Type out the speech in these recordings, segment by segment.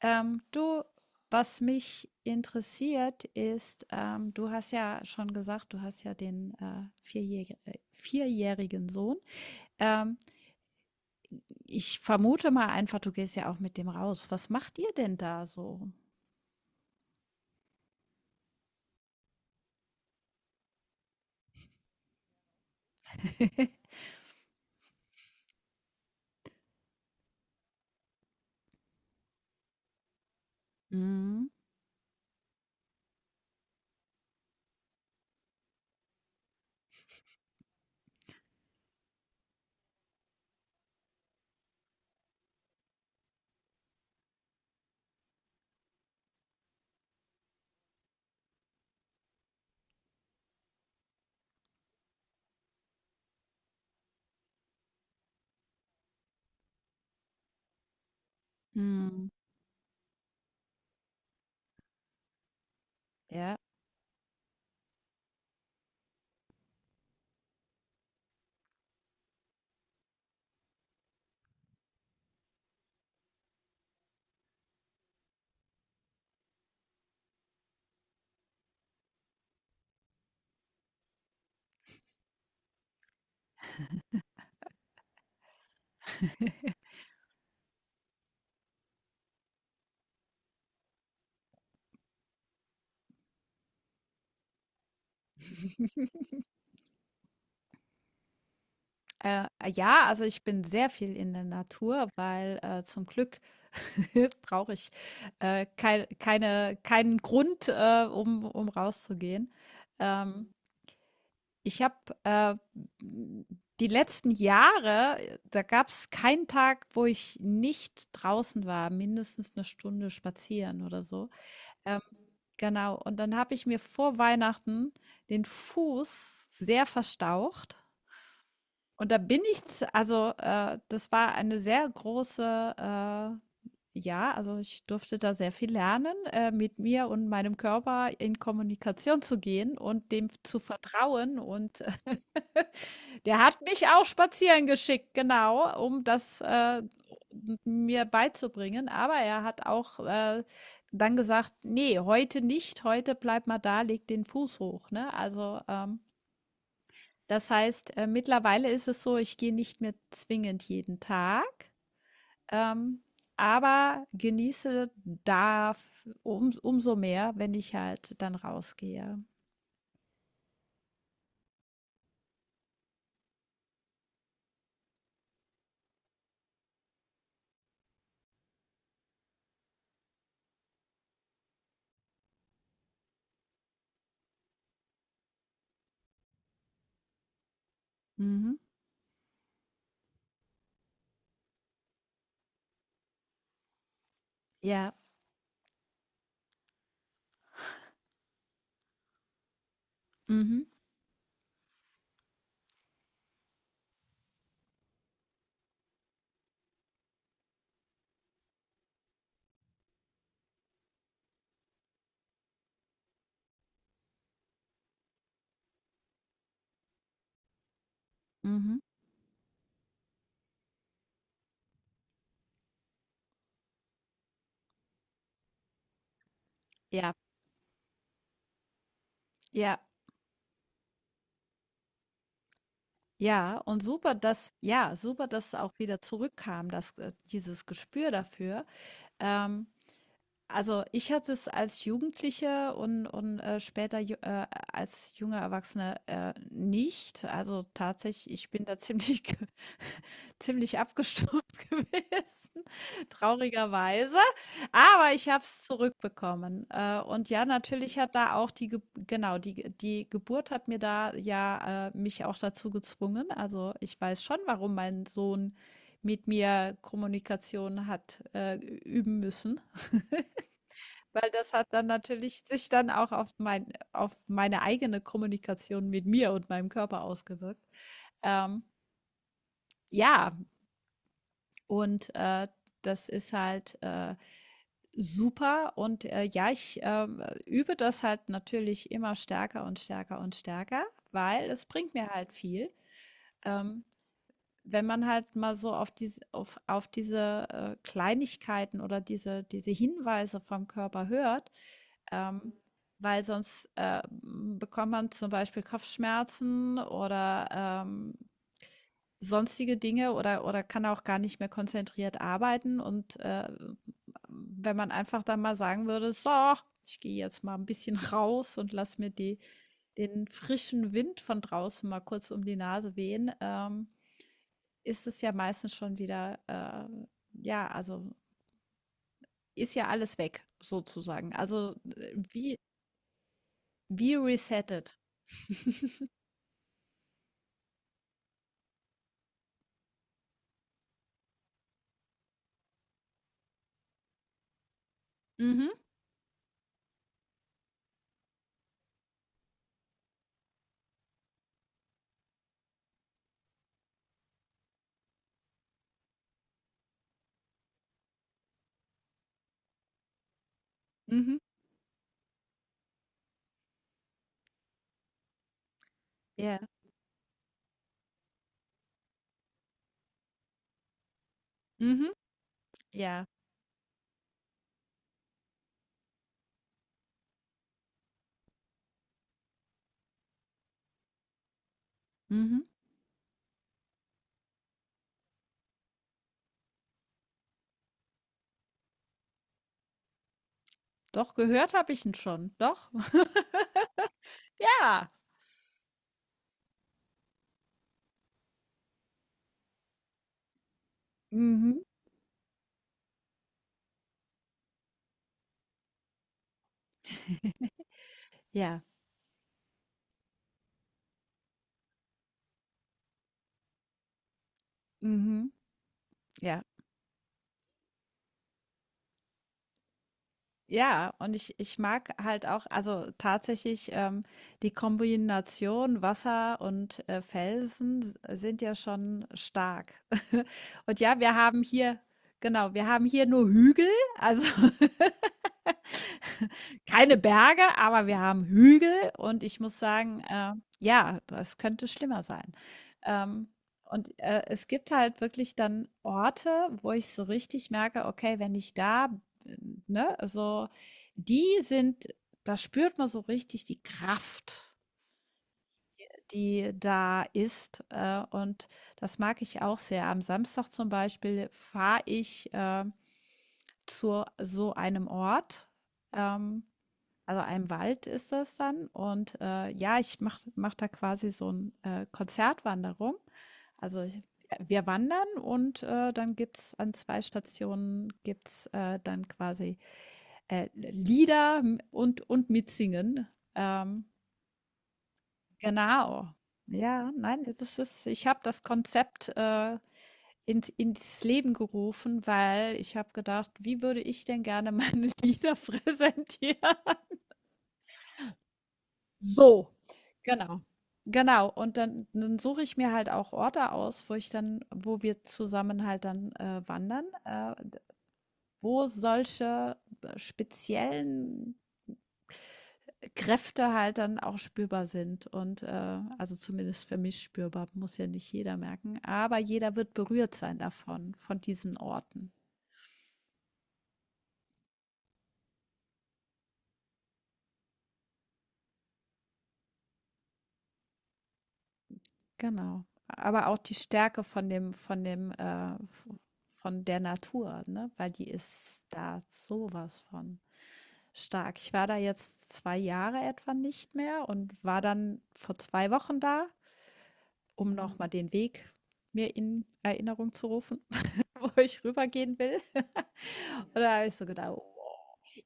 Ähm, du, Was mich interessiert ist, du hast ja schon gesagt, du hast ja den 4-jährigen Sohn. Ähm, Ich vermute mal einfach, du gehst ja auch mit dem raus. Was macht ihr denn da so? Mhm. Mhm. Ja. Ja, also ich bin sehr viel in der Natur, weil zum Glück brauche ich keinen Grund, um rauszugehen. Ähm, Ich habe äh, die letzten Jahre, da gab es keinen Tag, wo ich nicht draußen war, mindestens 1 Stunde spazieren oder so. Ähm, genau, und dann habe ich mir vor Weihnachten den Fuß sehr verstaucht. Und da bin ich z also, das war eine sehr große ja, also ich durfte da sehr viel lernen, mit mir und meinem Körper in Kommunikation zu gehen und dem zu vertrauen. Und der hat mich auch spazieren geschickt, genau, um das m mir beizubringen. Aber er hat auch dann gesagt: „Ne, heute nicht, heute bleib mal da, leg den Fuß hoch“, ne? Also, das heißt, mittlerweile ist es so, ich gehe nicht mehr zwingend jeden Tag, ähm, aber genieße da umso mehr, wenn ich halt dann rausgehe. Mhm. Ja. Mhm. Mhm. Ja. Ja. Ja, und super, super, dass es auch wieder zurückkam, dass dieses Gespür dafür. Ähm, also ich hatte es als Jugendliche und als junger Erwachsene nicht. Also tatsächlich, ich bin da ziemlich ziemlich abgestumpft gewesen, traurigerweise. Aber ich habe es zurückbekommen. Und ja, natürlich hat da auch die Ge genau, die Geburt hat mir da mich auch dazu gezwungen. Also, ich weiß schon, warum mein Sohn mit mir Kommunikation hat, üben müssen, weil das hat dann natürlich sich dann auch auf mein auf meine eigene Kommunikation mit mir und meinem Körper ausgewirkt. Ähm, ja, und das ist halt super. Und ja, ich übe das halt natürlich immer stärker und stärker und stärker, weil es bringt mir halt viel. Ähm, Wenn man halt mal so auf auf diese Kleinigkeiten oder diese Hinweise vom Körper hört, ähm, weil sonst bekommt man zum Beispiel Kopfschmerzen oder sonstige Dinge oder kann auch gar nicht mehr konzentriert arbeiten und, wenn man einfach dann mal sagen würde: „So, ich gehe jetzt mal ein bisschen raus und lass mir die den frischen Wind von draußen mal kurz um die Nase wehen“, ist es ja meistens schon wieder, ja, also, ist ja alles weg sozusagen. Also, wie resettet. Mhm, mhm, ja, mhm, ja, mhm. Doch, gehört habe ich ihn schon, doch. Ja. Mhm. Ja. Mhm. Ja. Ja, und ich mag halt auch, also tatsächlich die Kombination Wasser und Felsen s- sind ja schon stark. Und ja, genau, wir haben hier nur Hügel, also keine Berge, aber wir haben Hügel und ich muss sagen, ja, das könnte schlimmer sein. Ähm, und, es gibt halt wirklich dann Orte, wo ich so richtig merke, okay, wenn ich da bin, ne, also die sind da spürt man so richtig die Kraft, die da ist, und das mag ich auch sehr. Am Samstag zum Beispiel fahre ich, zu so einem Ort, ähm also ein Wald ist das dann und, ja, ich mache da quasi so 'n, Konzertwanderung. Also, ich wir wandern und, dann gibt's an zwei Stationen dann quasi, Lieder und mitsingen. Ähm, genau. Ja, nein, das ist ich habe das Konzept, ins Leben gerufen, weil ich habe gedacht: „Wie würde ich denn gerne meine Lieder präsentieren?“ So, genau. Genau. Und dann suche ich mir halt auch Orte aus, wo wir zusammen halt dann, wandern, d wo solche speziellen Kräfte halt dann auch spürbar sind und, also zumindest für mich spürbar, muss ja nicht jeder merken, aber jeder wird berührt sein davon, von diesen Orten. Genau. Aber auch die Stärke von dem, v von der Natur, ne? Weil die ist da sowas von stark. Ich war da jetzt 2 Jahre etwa nicht mehr und war dann vor 2 Wochen da, um noch Mhm. mal den Weg mir in Erinnerung zu rufen, wo ich rübergehen will. Und da habe ich so gedacht, wow.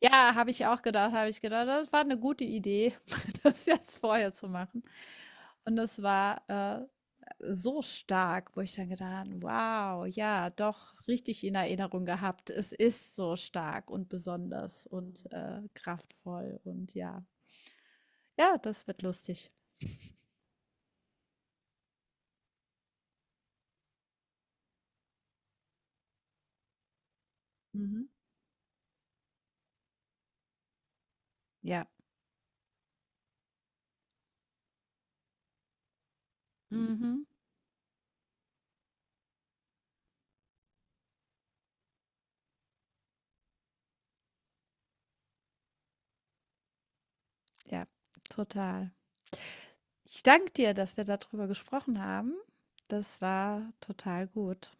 Ja, habe ich auch gedacht, habe ich gedacht, das war eine gute Idee, das jetzt vorher zu machen. Und das war so stark, wo ich dann gedacht, habe, wow, ja, doch richtig in Erinnerung gehabt. Es ist so stark und besonders und kraftvoll und ja, ja, das wird lustig. Mhm. Ja, mhm. Ja, total. Ich danke dir, dass wir darüber gesprochen haben. Das war total gut.